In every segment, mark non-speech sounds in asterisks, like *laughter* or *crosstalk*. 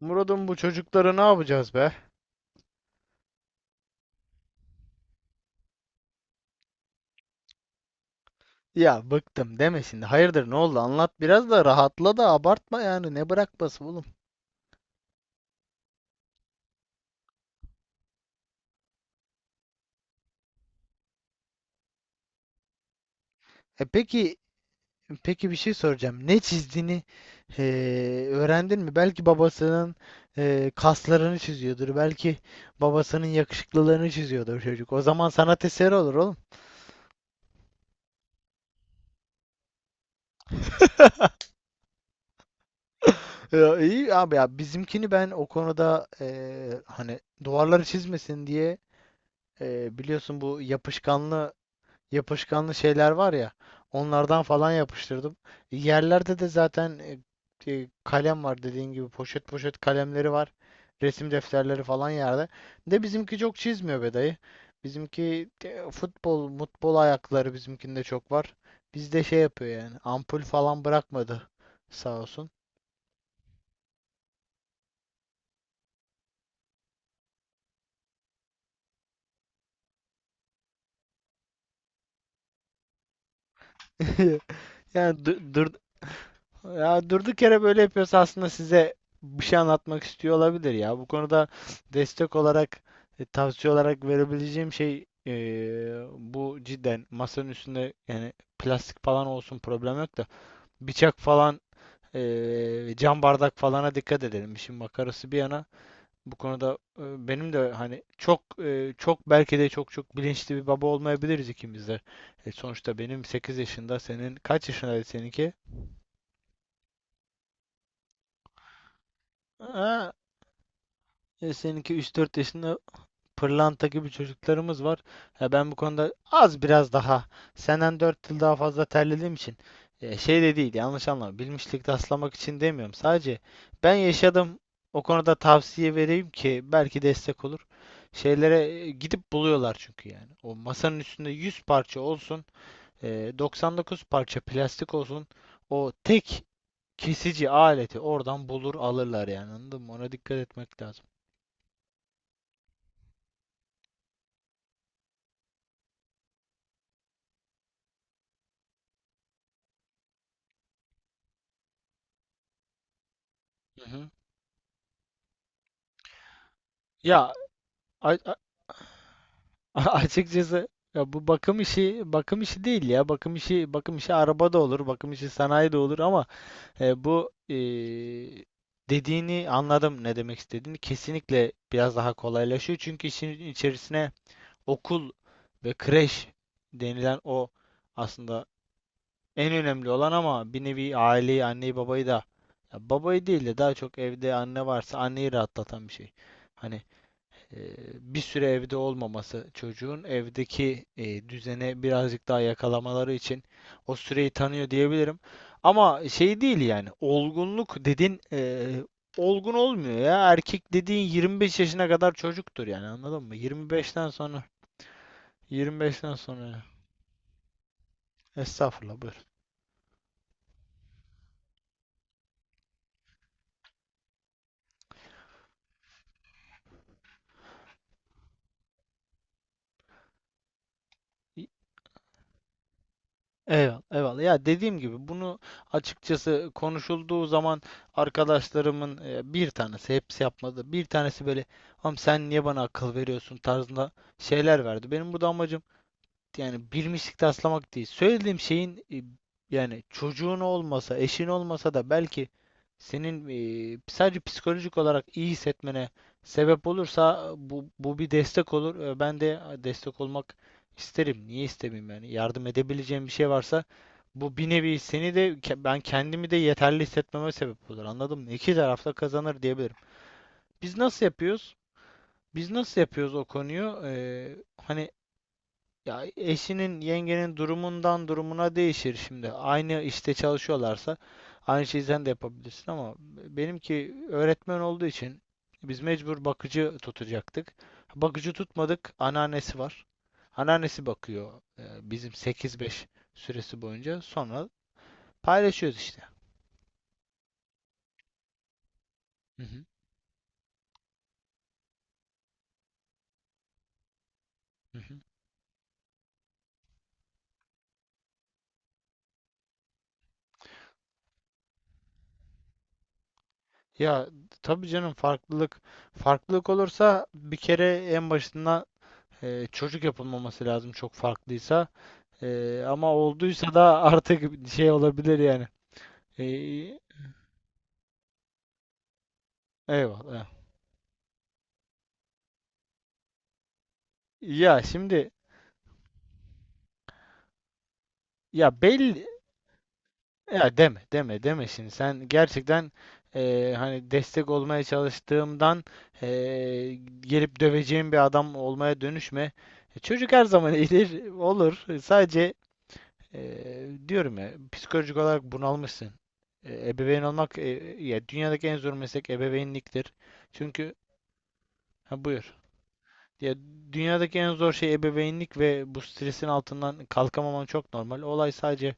Murat'ım bu çocuklara ne yapacağız be? Ya bıktım deme şimdi. Hayırdır, ne oldu? Anlat biraz da rahatla da abartma yani. Ne bırakması oğlum? E peki peki, bir şey soracağım. Ne çizdiğini e, öğrendin mi? Belki babasının kaslarını çiziyordur. Belki babasının yakışıklılığını çiziyordur çocuk. O zaman sanat eseri olur oğlum. Ya iyi abi, ya bizimkini ben o konuda, hani duvarları çizmesin diye biliyorsun, bu yapışkanlı şeyler var ya, onlardan falan yapıştırdım. Yerlerde de zaten, kalem var, dediğin gibi poşet poşet kalemleri var. Resim defterleri falan yerde. De bizimki çok çizmiyor be dayı. Bizimki futbol, mutbol ayakları bizimkinde çok var. Bizde şey yapıyor yani, ampul falan bırakmadı sağ olsun. *laughs* Yani, dur. Ya durduk yere böyle yapıyorsa aslında size bir şey anlatmak istiyor olabilir ya. Bu konuda destek olarak, tavsiye olarak verebileceğim şey, bu cidden masanın üstünde yani plastik falan olsun, problem yok, da bıçak falan, cam bardak falana dikkat edelim. İşin makarası bir yana, bu konuda benim de hani çok, çok belki de çok çok bilinçli bir baba olmayabiliriz ikimiz de. Sonuçta benim 8 yaşında, senin kaç yaşındaydı seninki? Seninki üç dört yaşında, pırlanta gibi çocuklarımız var. Ya ben bu konuda az biraz daha senden 4 yıl daha fazla terlediğim için, şey de değil, yanlış anlama. Bilmişlik taslamak için demiyorum. Sadece ben yaşadım. O konuda tavsiye vereyim ki belki destek olur. Şeylere gidip buluyorlar çünkü yani. O masanın üstünde 100 parça olsun, 99 parça plastik olsun. O tek kesici aleti oradan bulur alırlar yani. Anladın mı? Ona dikkat etmek lazım. Hı hı. Ya A- a- *laughs* açıkçası, ya bu bakım işi bakım işi değil ya. Bakım işi bakım işi araba da olur, bakım işi sanayi de olur ama bu, dediğini anladım, ne demek istediğini. Kesinlikle biraz daha kolaylaşıyor. Çünkü işin içerisine okul ve kreş denilen o aslında en önemli olan ama bir nevi aileyi, anneyi, babayı da, ya babayı değil de daha çok evde anne varsa anneyi rahatlatan bir şey. Hani e, bir süre evde olmaması, çocuğun evdeki düzene birazcık daha yakalamaları için o süreyi tanıyor diyebilirim. Ama şey değil yani, olgunluk dedin, olgun olmuyor ya. Erkek dediğin 25 yaşına kadar çocuktur yani, anladın mı? 25'ten sonra estağfurullah, buyur. Eyvallah, eyvallah. Ya dediğim gibi bunu, açıkçası konuşulduğu zaman, arkadaşlarımın bir tanesi, hepsi yapmadı, bir tanesi böyle, "Am sen niye bana akıl veriyorsun?" tarzında şeyler verdi. Benim burada amacım yani bir mislik taslamak değil. Söylediğim şeyin, yani çocuğun olmasa, eşin olmasa da belki senin sadece psikolojik olarak iyi hissetmene sebep olursa, bu bir destek olur. Ben de destek olmak isterim. Niye istemeyeyim yani? Yardım edebileceğim bir şey varsa, bu bir nevi seni de, ben kendimi de yeterli hissetmeme sebep olur. Anladın mı? İki tarafta kazanır diyebilirim. Biz nasıl yapıyoruz? Biz nasıl yapıyoruz o konuyu? Hani ya eşinin, yengenin durumundan durumuna değişir şimdi. Aynı işte çalışıyorlarsa aynı şeyi sen de yapabilirsin ama benimki öğretmen olduğu için biz mecbur bakıcı tutacaktık. Bakıcı tutmadık, anneannesi var. Anneannesi bakıyor e, bizim sekiz beş süresi boyunca. Sonra paylaşıyoruz işte. Hı hı, hı hı. Ya tabii canım, farklılık olursa bir kere en başından çocuk yapılmaması lazım çok farklıysa. Ama olduysa da *laughs* artık şey olabilir yani. Ee, Eyvallah. Ya şimdi, ya belli, ya deme deme deme şimdi, sen gerçekten, hani destek olmaya çalıştığımdan, gelip döveceğim bir adam olmaya dönüşme. Çocuk her zaman *laughs* iyidir, olur. Sadece diyorum ya, psikolojik olarak bunalmışsın. Ebeveyn olmak, ya dünyadaki en zor meslek ebeveynliktir. Çünkü ha, buyur. Ya dünyadaki en zor şey ebeveynlik ve bu stresin altından kalkamaman çok normal. Olay sadece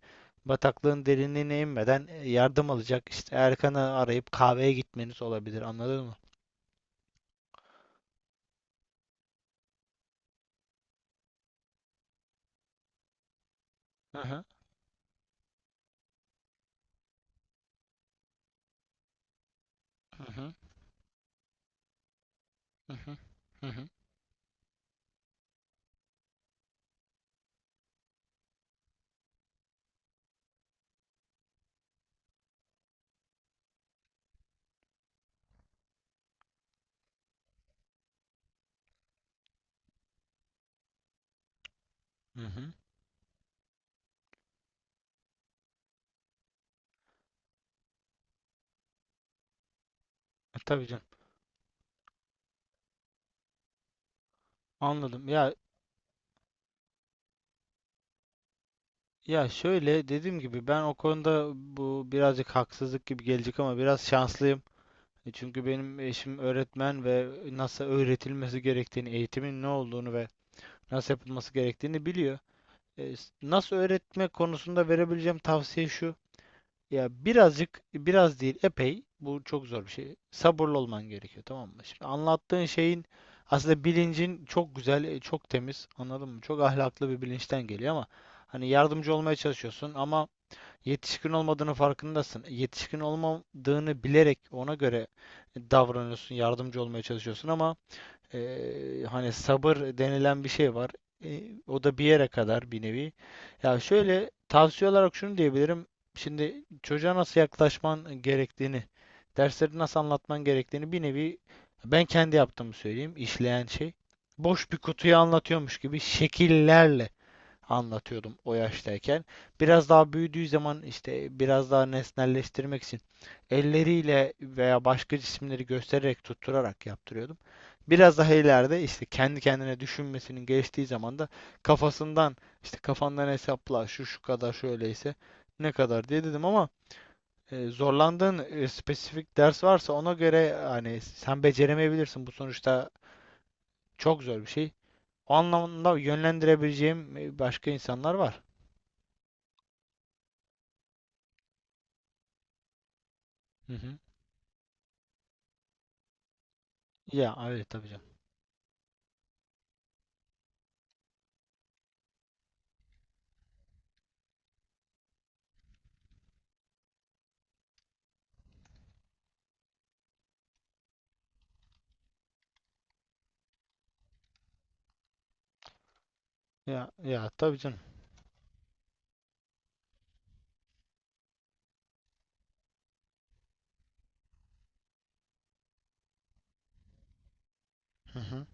bataklığın derinliğine inmeden, yardım alacak. İşte Erkan'ı arayıp kahveye gitmeniz olabilir. Anladın mı? Hı hı hı hı hı hı hı hı. Hı hı. Tabii canım. Anladım. Ya şöyle, dediğim gibi, ben o konuda, bu birazcık haksızlık gibi gelecek ama biraz şanslıyım. Çünkü benim eşim öğretmen ve nasıl öğretilmesi gerektiğini, eğitimin ne olduğunu ve nasıl yapılması gerektiğini biliyor. E, Nasıl öğretme konusunda verebileceğim tavsiye şu. Ya birazcık, biraz değil, epey. Bu çok zor bir şey. Sabırlı olman gerekiyor, tamam mı? Şimdi anlattığın şeyin aslında bilincin çok güzel, çok temiz, anladın mı? Çok ahlaklı bir bilinçten geliyor ama hani yardımcı olmaya çalışıyorsun ama yetişkin olmadığını farkındasın. Yetişkin olmadığını bilerek ona göre davranıyorsun, yardımcı olmaya çalışıyorsun ama hani sabır denilen bir şey var. E, O da bir yere kadar bir nevi. Ya şöyle tavsiye olarak şunu diyebilirim. Şimdi çocuğa nasıl yaklaşman gerektiğini, dersleri nasıl anlatman gerektiğini bir nevi ben kendi yaptığımı söyleyeyim, işleyen şey. Boş bir kutuyu anlatıyormuş gibi şekillerle anlatıyordum o yaştayken. Biraz daha büyüdüğü zaman işte biraz daha nesnelleştirmek için elleriyle veya başka cisimleri göstererek, tutturarak yaptırıyordum. Biraz daha ileride, işte kendi kendine düşünmesinin geçtiği zaman da, kafasından, işte kafandan hesapla, şu şu kadar şöyleyse ne kadar diye dedim ama zorlandığın spesifik ders varsa ona göre hani sen beceremeyebilirsin. Bu sonuçta çok zor bir şey. O anlamda yönlendirebileceğim başka insanlar var. Hı hı. Ya evet tabii canım. Ya tabii canım. Hı hı.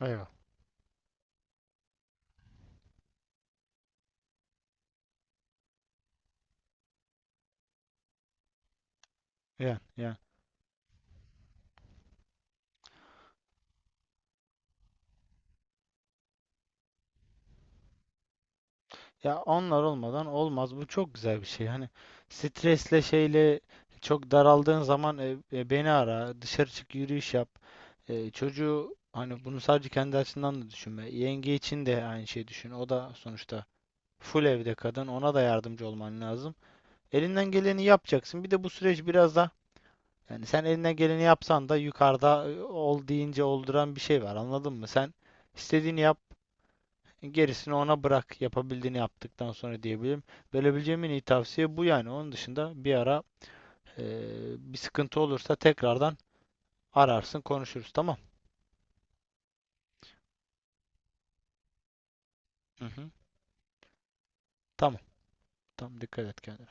Eyvallah. Yani yani. Ya onlar olmadan olmaz. Bu çok güzel bir şey. Hani stresle şeyle çok daraldığın zaman, beni ara, dışarı çık, yürüyüş yap. Çocuğu, hani bunu sadece kendi açısından da düşünme. Yenge için de aynı şeyi düşün. O da sonuçta full evde kadın. Ona da yardımcı olman lazım. Elinden geleni yapacaksın. Bir de bu süreç biraz da. Yani sen elinden geleni yapsan da, yukarıda ol deyince olduran bir şey var. Anladın mı? Sen istediğini yap, gerisini ona bırak. Yapabildiğini yaptıktan sonra diyebilirim. Verebileceğim en iyi tavsiye bu yani. Onun dışında bir ara e, bir sıkıntı olursa tekrardan ararsın, konuşuruz. Tamam. Hı hı. Tamam. Tamam. Dikkat et kendine.